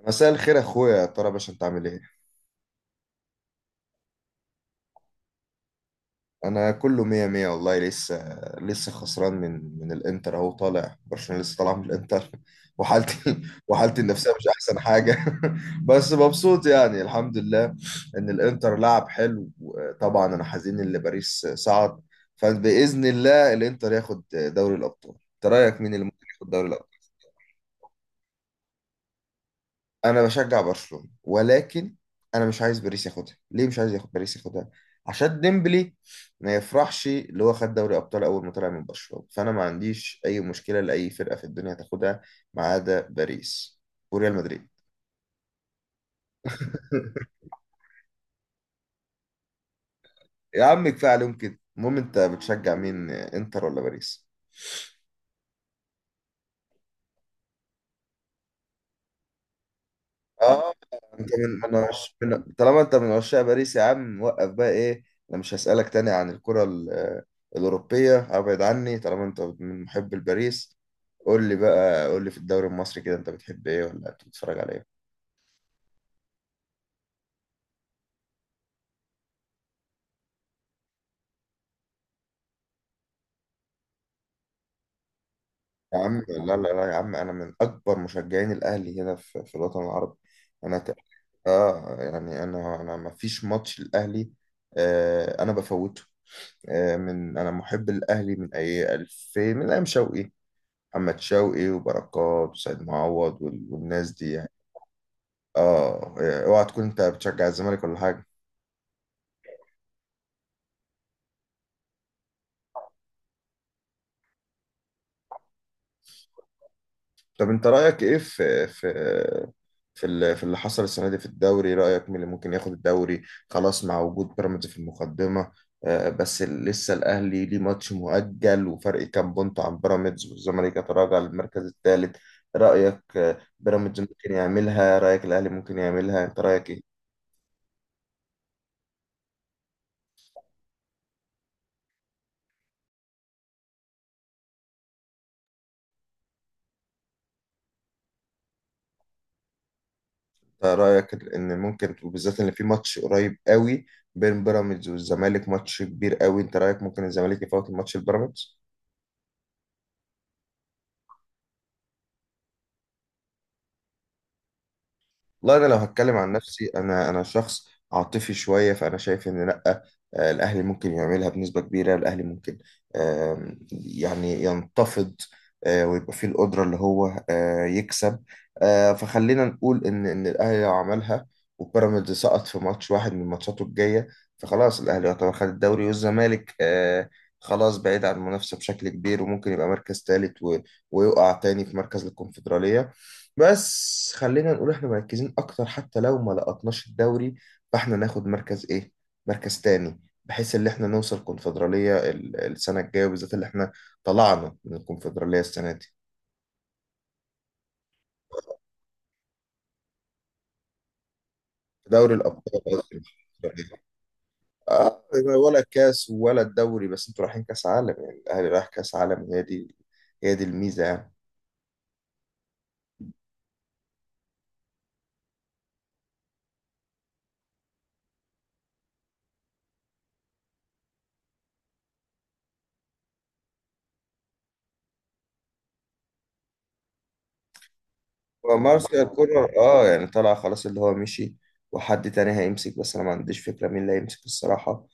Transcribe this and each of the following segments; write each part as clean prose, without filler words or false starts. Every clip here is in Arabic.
مساء الخير يا اخويا، يا ترى باشا انت عامل ايه؟ انا كله مية مية والله، لسه لسه خسران من الانتر. اهو طالع برشلونة لسه طالع من الانتر وحالتي وحالتي النفسية مش احسن حاجة. بس مبسوط يعني، الحمد لله ان الانتر لعب حلو. طبعا انا حزين ان باريس صعد، فباذن الله الانتر ياخد دوري الابطال. انت رايك مين اللي ممكن ياخد دوري الابطال؟ انا بشجع برشلونة، ولكن انا مش عايز باريس ياخدها. ليه مش عايز ياخد باريس ياخدها؟ عشان ديمبلي ما يفرحش، اللي هو خد دوري ابطال اول ما طلع من برشلونة. فانا ما عنديش اي مشكلة لاي فرقة في الدنيا تاخدها، ما عدا باريس وريال مدريد. يا عم كفاية عليهم كده. المهم انت بتشجع مين، انتر ولا باريس؟ اه، انت من طالما انت من عشاق باريس يا عم، وقف بقى ايه. انا مش هسألك تاني عن الكرة الأوروبية. ابعد عني طالما انت من محب الباريس. قول لي بقى، قول لي في الدوري المصري كده، انت بتحب ايه ولا بتتفرج على ايه؟ يا عم لا، لا، لا يا عم، انا من اكبر مشجعين الاهلي هنا في الوطن العربي. انا ت... اه يعني، انا ما فيش ماتش الاهلي آه انا بفوته. آه، انا محب الاهلي من اي 2000، من ايام شوقي، محمد شوقي وبركات وسيد معوض والناس دي يعني. اوعى تكون انت بتشجع الزمالك ولا حاجه؟ طب انت رايك ايه في اللي حصل السنه دي في الدوري؟ رايك مين اللي ممكن ياخد الدوري خلاص مع وجود بيراميدز في المقدمه؟ بس لسه الاهلي ليه ماتش مؤجل، وفرق كام بونت عن بيراميدز، والزمالك يتراجع للمركز الثالث. رايك بيراميدز ممكن يعملها؟ رايك الاهلي ممكن يعملها؟ انت رايك ايه؟ انت رايك ان ممكن، وبالذات ان في ماتش قريب قوي بين بيراميدز والزمالك، ماتش كبير قوي، انت رايك ممكن الزمالك يفوت الماتش البيراميدز؟ والله انا لو هتكلم عن نفسي، انا شخص عاطفي شويه، فانا شايف ان لا، الاهلي ممكن يعملها بنسبه كبيره. الاهلي ممكن، يعني ينتفض ويبقى فيه القدره اللي هو يكسب. فخلينا نقول ان الاهلي لو عملها وبيراميدز سقط في ماتش واحد من ماتشاته الجايه، فخلاص الاهلي يعتبر خد الدوري، والزمالك خلاص بعيد عن المنافسه بشكل كبير، وممكن يبقى مركز ثالث ويقع تاني في مركز الكونفدراليه. بس خلينا نقول احنا مركزين اكتر، حتى لو ما لقطناش الدوري فاحنا ناخد مركز ايه، مركز تاني، بحيث ان احنا نوصل كونفدرالية السنة الجاية، وبالذات اللي احنا طلعنا من الكونفدرالية السنة دي. دوري الابطال قصدي، مش الكونفدرالية. اه، ولا الكاس ولا الدوري. بس انتوا رايحين كاس عالم يعني، الاهلي رايح كاس عالم، هي دي هي دي الميزة يعني. مارسيال كولر اه يعني طلع خلاص، اللي هو مشي، وحد تاني هيمسك، بس انا ما عنديش فكرة مين اللي هيمسك الصراحة.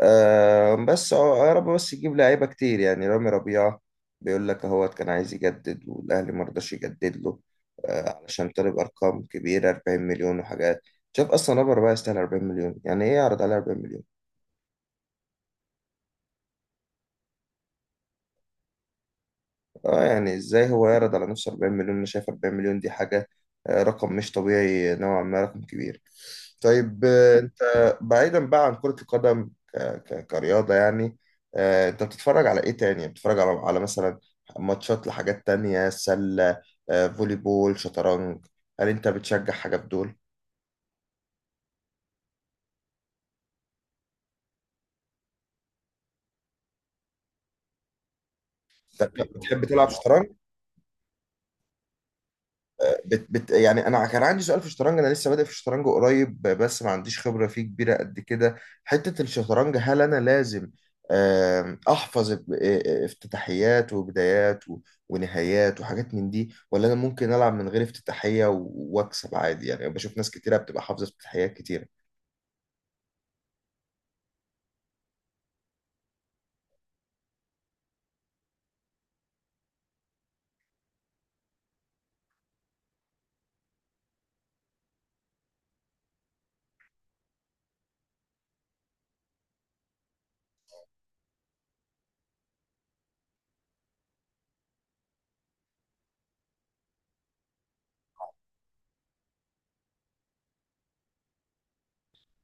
يا رب بس يجيب لعيبه كتير. يعني رامي ربيعه بيقول لك اهوت كان عايز يجدد والاهلي ما رضاش يجدد له، علشان طلب ارقام كبيره، 40 مليون وحاجات. شايف اصلا رامي ربيعه يستاهل 40 مليون؟ يعني ايه يعرض عليه 40 مليون؟ اه يعني ازاي هو يعرض على نفسه 40 مليون؟ انا شايف 40 مليون دي حاجة رقم مش طبيعي، نوعا ما رقم كبير. طيب انت بعيدا بقى عن كرة القدم، كرياضة يعني، انت بتتفرج على ايه تاني؟ بتتفرج على مثلا ماتشات لحاجات تانية، سلة، فولي بول، شطرنج؟ هل انت بتشجع حاجة بدول؟ طب طب بتحب تلعب شطرنج؟ بت بت يعني انا كان عندي سؤال في الشطرنج. انا لسه بادئ في الشطرنج قريب، بس ما عنديش خبره فيه كبيره قد كده. حته الشطرنج، هل انا لازم احفظ افتتاحيات وبدايات و- ونهايات وحاجات من دي، ولا انا ممكن العب من غير افتتاحيه و- واكسب عادي؟ يعني بشوف ناس كتيره بتبقى حافظه افتتاحيات كتيره.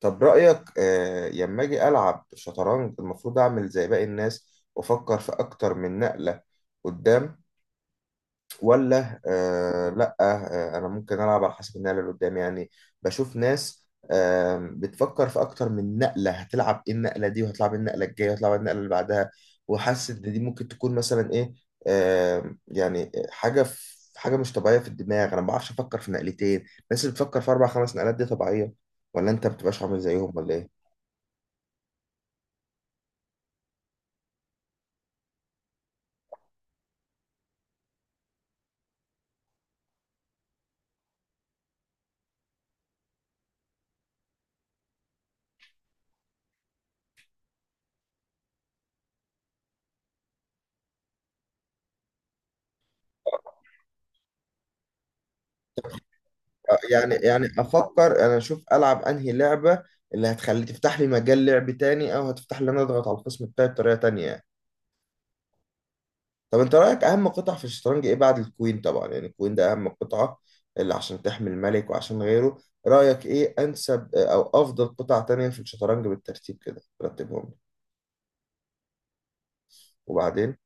طب رايك، لما اجي العب شطرنج المفروض اعمل زي باقي الناس وافكر في اكتر من نقله قدام، ولا لا، انا ممكن العب على حسب النقله اللي قدامي يعني؟ بشوف ناس بتفكر في اكتر من نقله، هتلعب ايه النقله دي، وهتلعب إيه النقله الجايه، وهتلعب إيه النقله اللي بعدها، وحاسس ان دي ممكن تكون مثلا ايه، يعني حاجه في حاجه مش طبيعيه في الدماغ. انا ما بعرفش افكر في نقلتين، الناس اللي بتفكر في اربع خمس نقلات دي طبيعيه، ولا انت ما بتبقاش عامل زيهم ولا ايه؟ يعني افكر انا، اشوف العب انهي لعبه اللي هتخلي تفتح لي مجال لعب تاني، او هتفتح لي انا اضغط على الخصم بتاعي بطريقه تانية يعني. طب انت رايك اهم قطع في الشطرنج ايه بعد الكوين طبعا، يعني الكوين ده اهم قطعه، اللي عشان تحمي الملك وعشان غيره؟ رايك ايه انسب او افضل قطع تانية في الشطرنج؟ بالترتيب كده رتبهم لي. وبعدين؟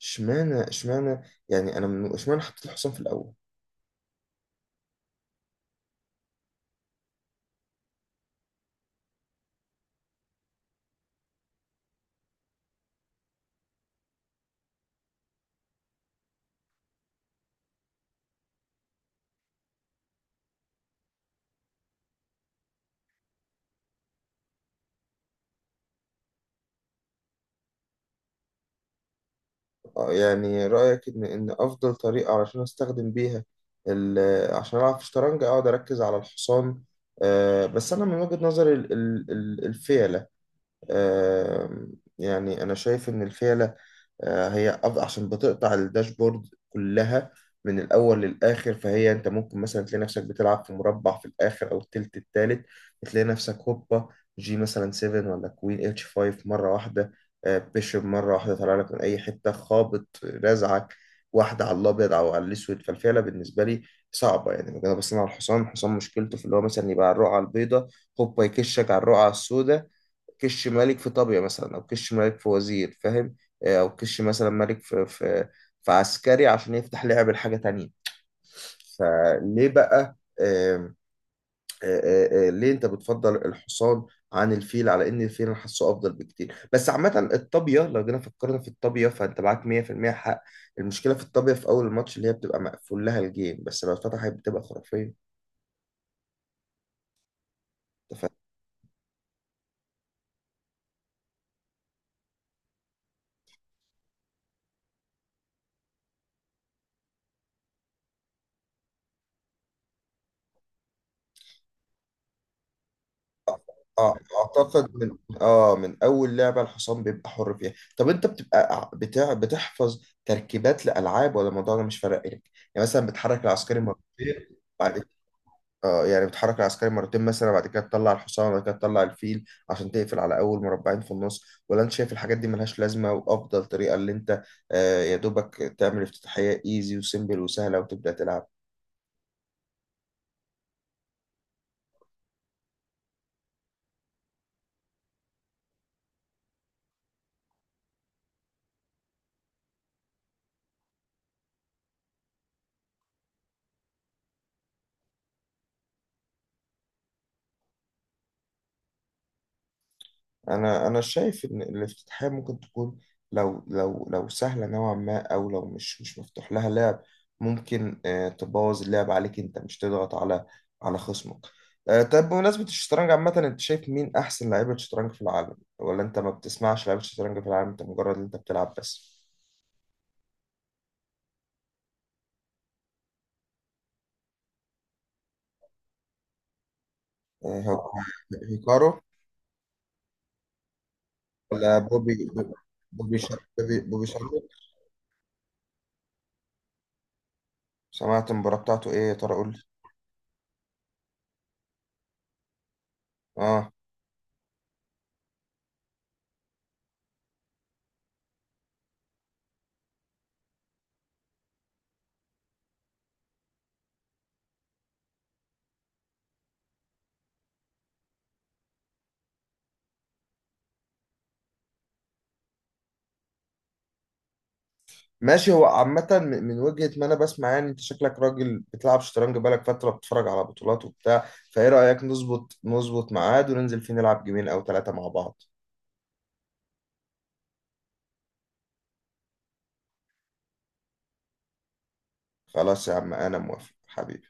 اشمعنى، يعني انا اشمعنى حطيت الحصان في الاول؟ يعني رأيك إن أفضل طريقة علشان أستخدم بيها عشان ألعب في شطرنج أقعد أركز على الحصان؟ بس أنا من وجهة نظري الفيلة، آه، يعني أنا شايف إن الفيلة، هي عشان بتقطع الداشبورد كلها من الأول للآخر، فهي أنت ممكن مثلا تلاقي نفسك بتلعب في مربع في الآخر أو التلت التالت، بتلاقي نفسك هوبا جي مثلا 7 ولا كوين اتش 5 مرة واحدة. بيشوب مرة واحدة طالع لك من أي حتة خابط رازعك واحدة على الأبيض أو على الأسود. فالفعلة بالنسبة لي صعبة، يعني أنا بصنع على الحصان. الحصان مشكلته في اللي هو مثلا يبقى على الرقعة البيضاء هوبا يكشك على الرقعة السوداء، كش ملك في طابية مثلا، أو كش ملك في وزير، فاهم؟ أو كش مثلا ملك في عسكري عشان يفتح لعب لحاجة تانية. فليه بقى، آم، آه، آه، آه، ليه أنت بتفضل الحصان عن الفيل، على إن الفيل أنا حاسه أفضل بكتير؟ بس عامة الطابية، لو جينا فكرنا في الطابية فأنت معاك 100% حق. المشكلة في الطابية في أول الماتش اللي هي بتبقى مقفول لها الجيم، بس لو اتفتحت بتبقى خرافية. أنت اه اعتقد من اول لعبه الحصان بيبقى حر فيها. طب انت بتبقى بتاع بتحفظ تركيبات لالعاب، ولا الموضوع ده مش فارق لك يعني؟ مثلا بتحرك العسكري مرتين، بعد اه يعني بتحرك العسكري مرتين مثلا، بعد كده تطلع الحصان، بعد كده تطلع الفيل عشان تقفل على اول مربعين في النص؟ ولا انت شايف الحاجات دي ملهاش لازمه، وافضل طريقه اللي انت يا دوبك تعمل افتتاحيه ايزي وسيمبل وسهله وتبدا تلعب؟ انا شايف ان الافتتاحيه ممكن تكون، لو لو سهله نوعا ما، او لو مش مفتوح لها لعب، ممكن تبوظ اللعب عليك، انت مش تضغط على خصمك. طب بمناسبه الشطرنج عامه، انت شايف مين احسن لعيبه شطرنج في العالم؟ ولا انت ما بتسمعش لعيبه شطرنج في العالم، انت مجرد انت بتلعب بس؟ آه، هو- هيكارو؟ ولا بوبي شارك، بوبي بوبي شارك. سمعت المباراه بتاعته؟ ايه يا ترى، قول لي. اه، ماشي. هو عامة، من وجهة ما أنا بسمع يعني، أنت شكلك راجل بتلعب شطرنج بقالك فترة، بتتفرج على بطولات وبتاع. فإيه رأيك نظبط ميعاد وننزل فيه نلعب جيمين أو 3 مع بعض؟ خلاص يا عم أنا موافق حبيبي.